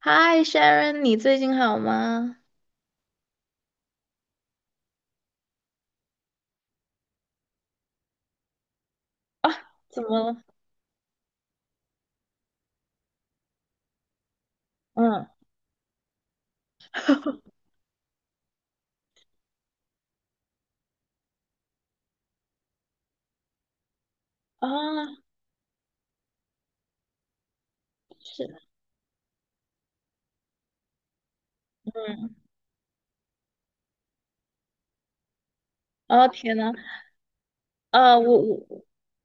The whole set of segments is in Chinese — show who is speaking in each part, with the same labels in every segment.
Speaker 1: 嗨，Sharon，你最近好吗？啊，怎么了？嗯，啊，是，哦，天呐，我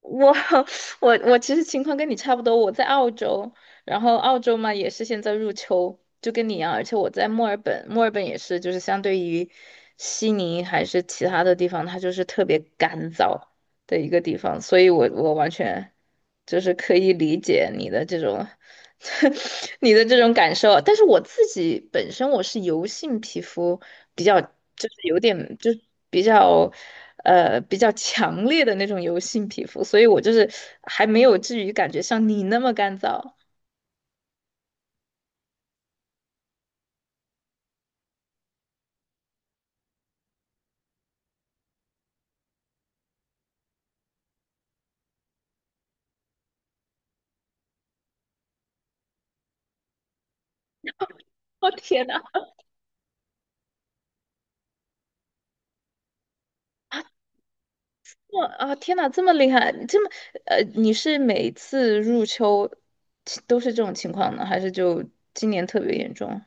Speaker 1: 我 我其实情况跟你差不多，我在澳洲，然后澳洲嘛也是现在入秋，就跟你一样，而且我在墨尔本，墨尔本也是，就是相对于悉尼还是其他的地方，它就是特别干燥，的一个地方，所以我完全就是可以理解你的这种 你的这种感受。但是我自己本身我是油性皮肤，比较就是有点就是比较比较强烈的那种油性皮肤，所以我就是还没有至于感觉像你那么干燥。哦天呐！哇啊！天呐，这么厉害，这么你是每次入秋都是这种情况呢，还是就今年特别严重？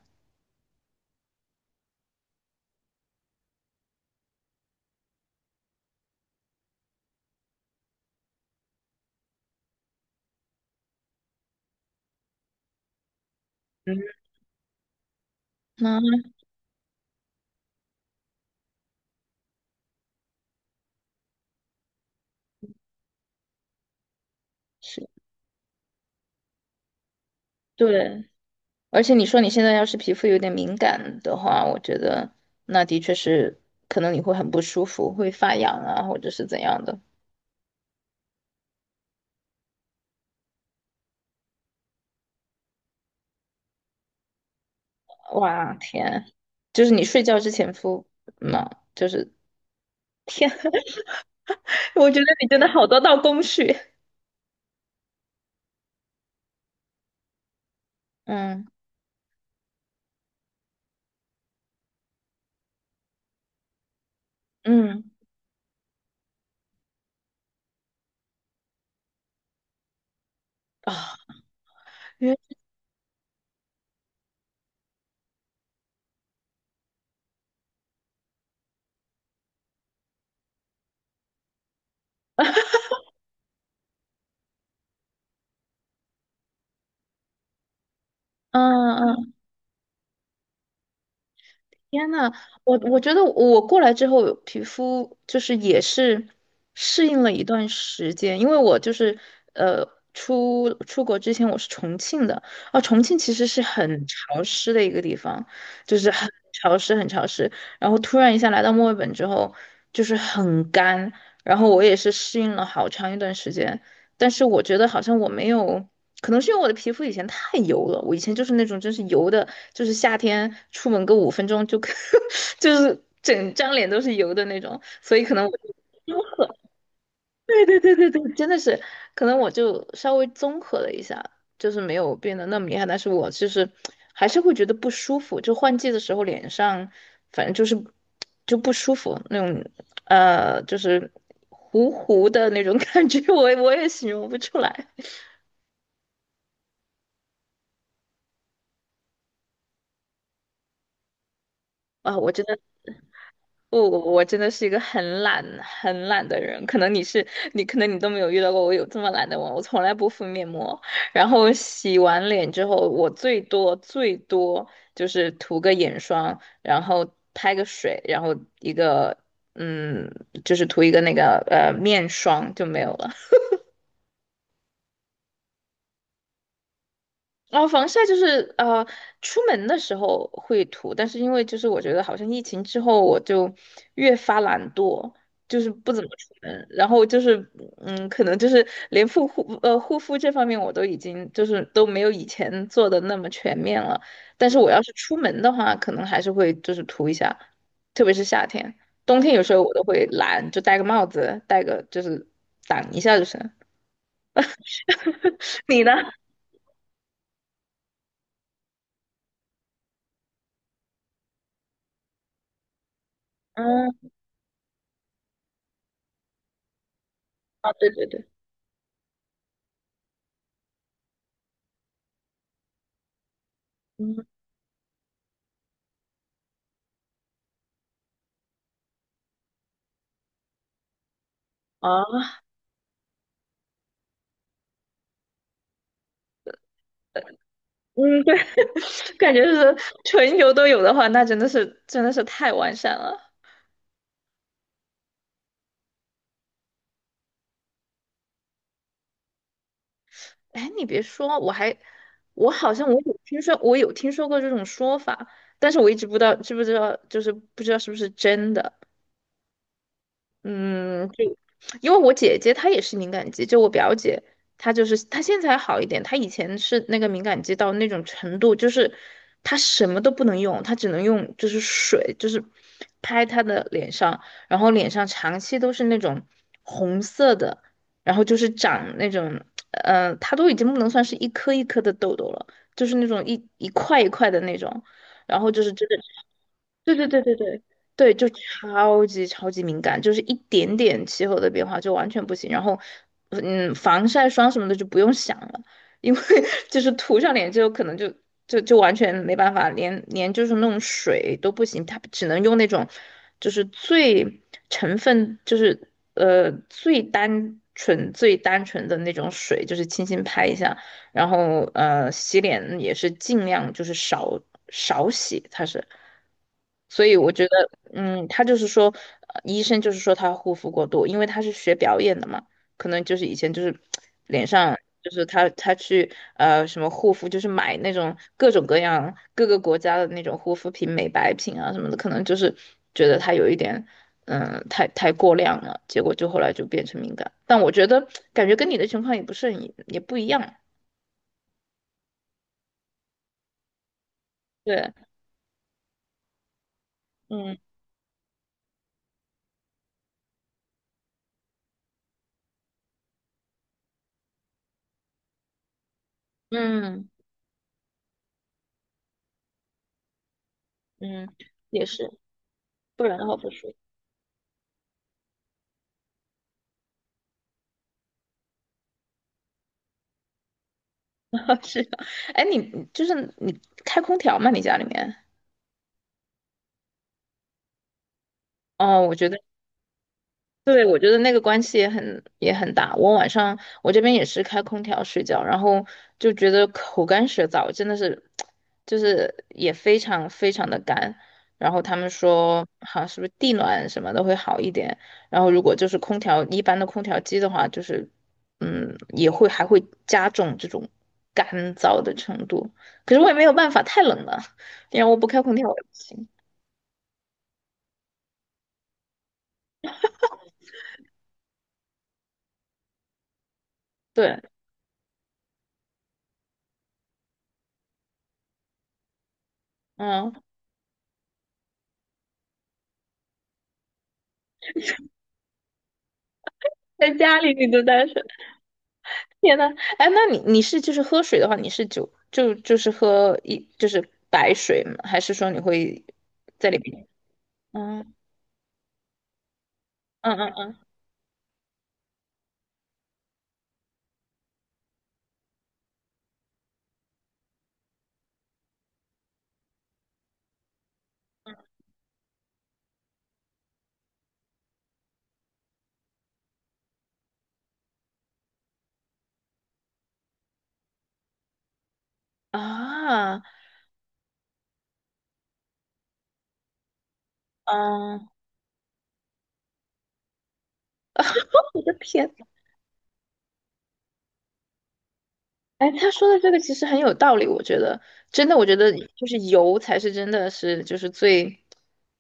Speaker 1: 嗯。那是对，而且你说你现在要是皮肤有点敏感的话，我觉得那的确是可能你会很不舒服，会发痒啊，或者是怎样的。哇天，就是你睡觉之前敷嘛，就是天，我觉得你真的好多道工序。嗯嗯啊，原嗯嗯天呐，我觉得我过来之后，皮肤就是也是适应了一段时间，因为我就是出国之前我是重庆的，啊，重庆其实是很潮湿的一个地方，就是很潮湿很潮湿，然后突然一下来到墨尔本之后，就是很干，然后我也是适应了好长一段时间，但是我觉得好像我没有，可能是因为我的皮肤以前太油了，我以前就是那种真是油的，就是夏天出门个五分钟就 就是整张脸都是油的那种，所以可能我就对对对对对，真的是，可能我就稍微综合了一下，就是没有变得那么厉害，但是我就是还是会觉得不舒服，就换季的时候脸上反正就是就不舒服那种，就是糊糊的那种感觉，我也形容不出来。啊，我真的不，我真的是一个很懒、很懒的人。可能你是你，可能你都没有遇到过我有这么懒的我。我从来不敷面膜，然后洗完脸之后，我最多最多就是涂个眼霜，然后拍个水，然后一个嗯，就是涂一个那个面霜就没有了。然后防晒就是出门的时候会涂，但是因为就是我觉得好像疫情之后我就越发懒惰，就是不怎么出门，然后就是嗯，可能就是连护护肤这方面我都已经就是都没有以前做的那么全面了，但是我要是出门的话，可能还是会就是涂一下，特别是夏天，冬天有时候我都会懒，就戴个帽子，戴个就是挡一下就是。你呢？嗯，啊，对对对，嗯。啊。嗯，对，感觉是纯油都有的话，那真的是真的是太完善了。哎，你别说，我好像我有听说，我有听说过这种说法，但是我一直不知道知不知道，就是不知道是不是真的。嗯，就因为我姐姐她也是敏感肌，就我表姐，她就是她现在还好一点，她以前是那个敏感肌到那种程度，就是她什么都不能用，她只能用就是水，就是拍她的脸上，然后脸上长期都是那种红色的，然后就是长那种，呃，她都已经不能算是一颗一颗的痘痘了，就是那种一块一块的那种，然后就是真的。对对对对对对，就超级超级敏感，就是一点点气候的变化就完全不行。然后，嗯，防晒霜什么的就不用想了，因为 就是涂上脸之后，可能就完全没办法，连就是那种水都不行，它只能用那种就是最成分就是最单纯最单纯的那种水，就是轻轻拍一下。然后呃，洗脸也是尽量就是少少洗，它是，所以我觉得，嗯，他就是说，医生就是说他护肤过度，因为他是学表演的嘛，可能就是以前就是 脸上就是他去什么护肤，就是买那种各种各样各个国家的那种护肤品、美白品啊什么的，可能就是觉得他有一点。嗯，太过量了，结果就后来就变成敏感。但我觉得感觉跟你的情况也不是很也不一样。对，嗯嗯嗯，也是，不然的话不舒服。是的，哎，你就是你开空调吗？你家里面？哦，我觉得。对，我觉得那个关系也很也很大。我晚上我这边也是开空调睡觉，然后就觉得口干舌燥，真的是，就是也非常非常的干。然后他们说，好像是不是地暖什么的会好一点。然后如果就是空调一般的空调机的话，就是嗯也会还会加重这种干燥的程度。可是我也没有办法，太冷了，因为我不开空调我也不行。对，嗯，在家里你都待。天呐，哎，那你是就是喝水的话，你是就就就是喝一就是白水吗？还是说你会在里面？嗯嗯嗯嗯啊嗯，我的天，哎，他说的这个其实很有道理，我觉得真的，我觉得就是油才是真的是就是最，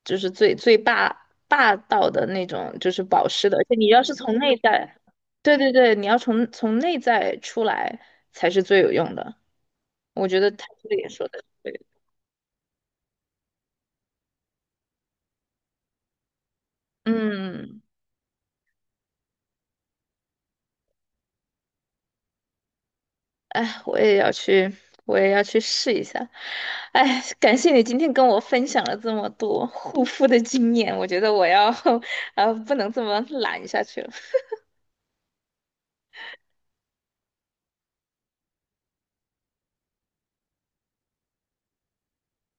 Speaker 1: 就是最最霸道的那种，就是保湿的。而且你要是从内在，对对对，你要从从内在出来才是最有用的。我觉得他这个也说的对，嗯。哎，我也要去，我也要去试一下。哎，感谢你今天跟我分享了这么多护肤的经验，我觉得我要，不能这么懒下去了。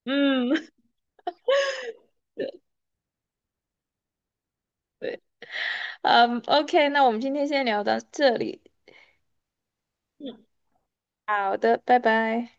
Speaker 1: 嗯 对，嗯，OK，那我们今天先聊到这里。嗯，好的，拜拜。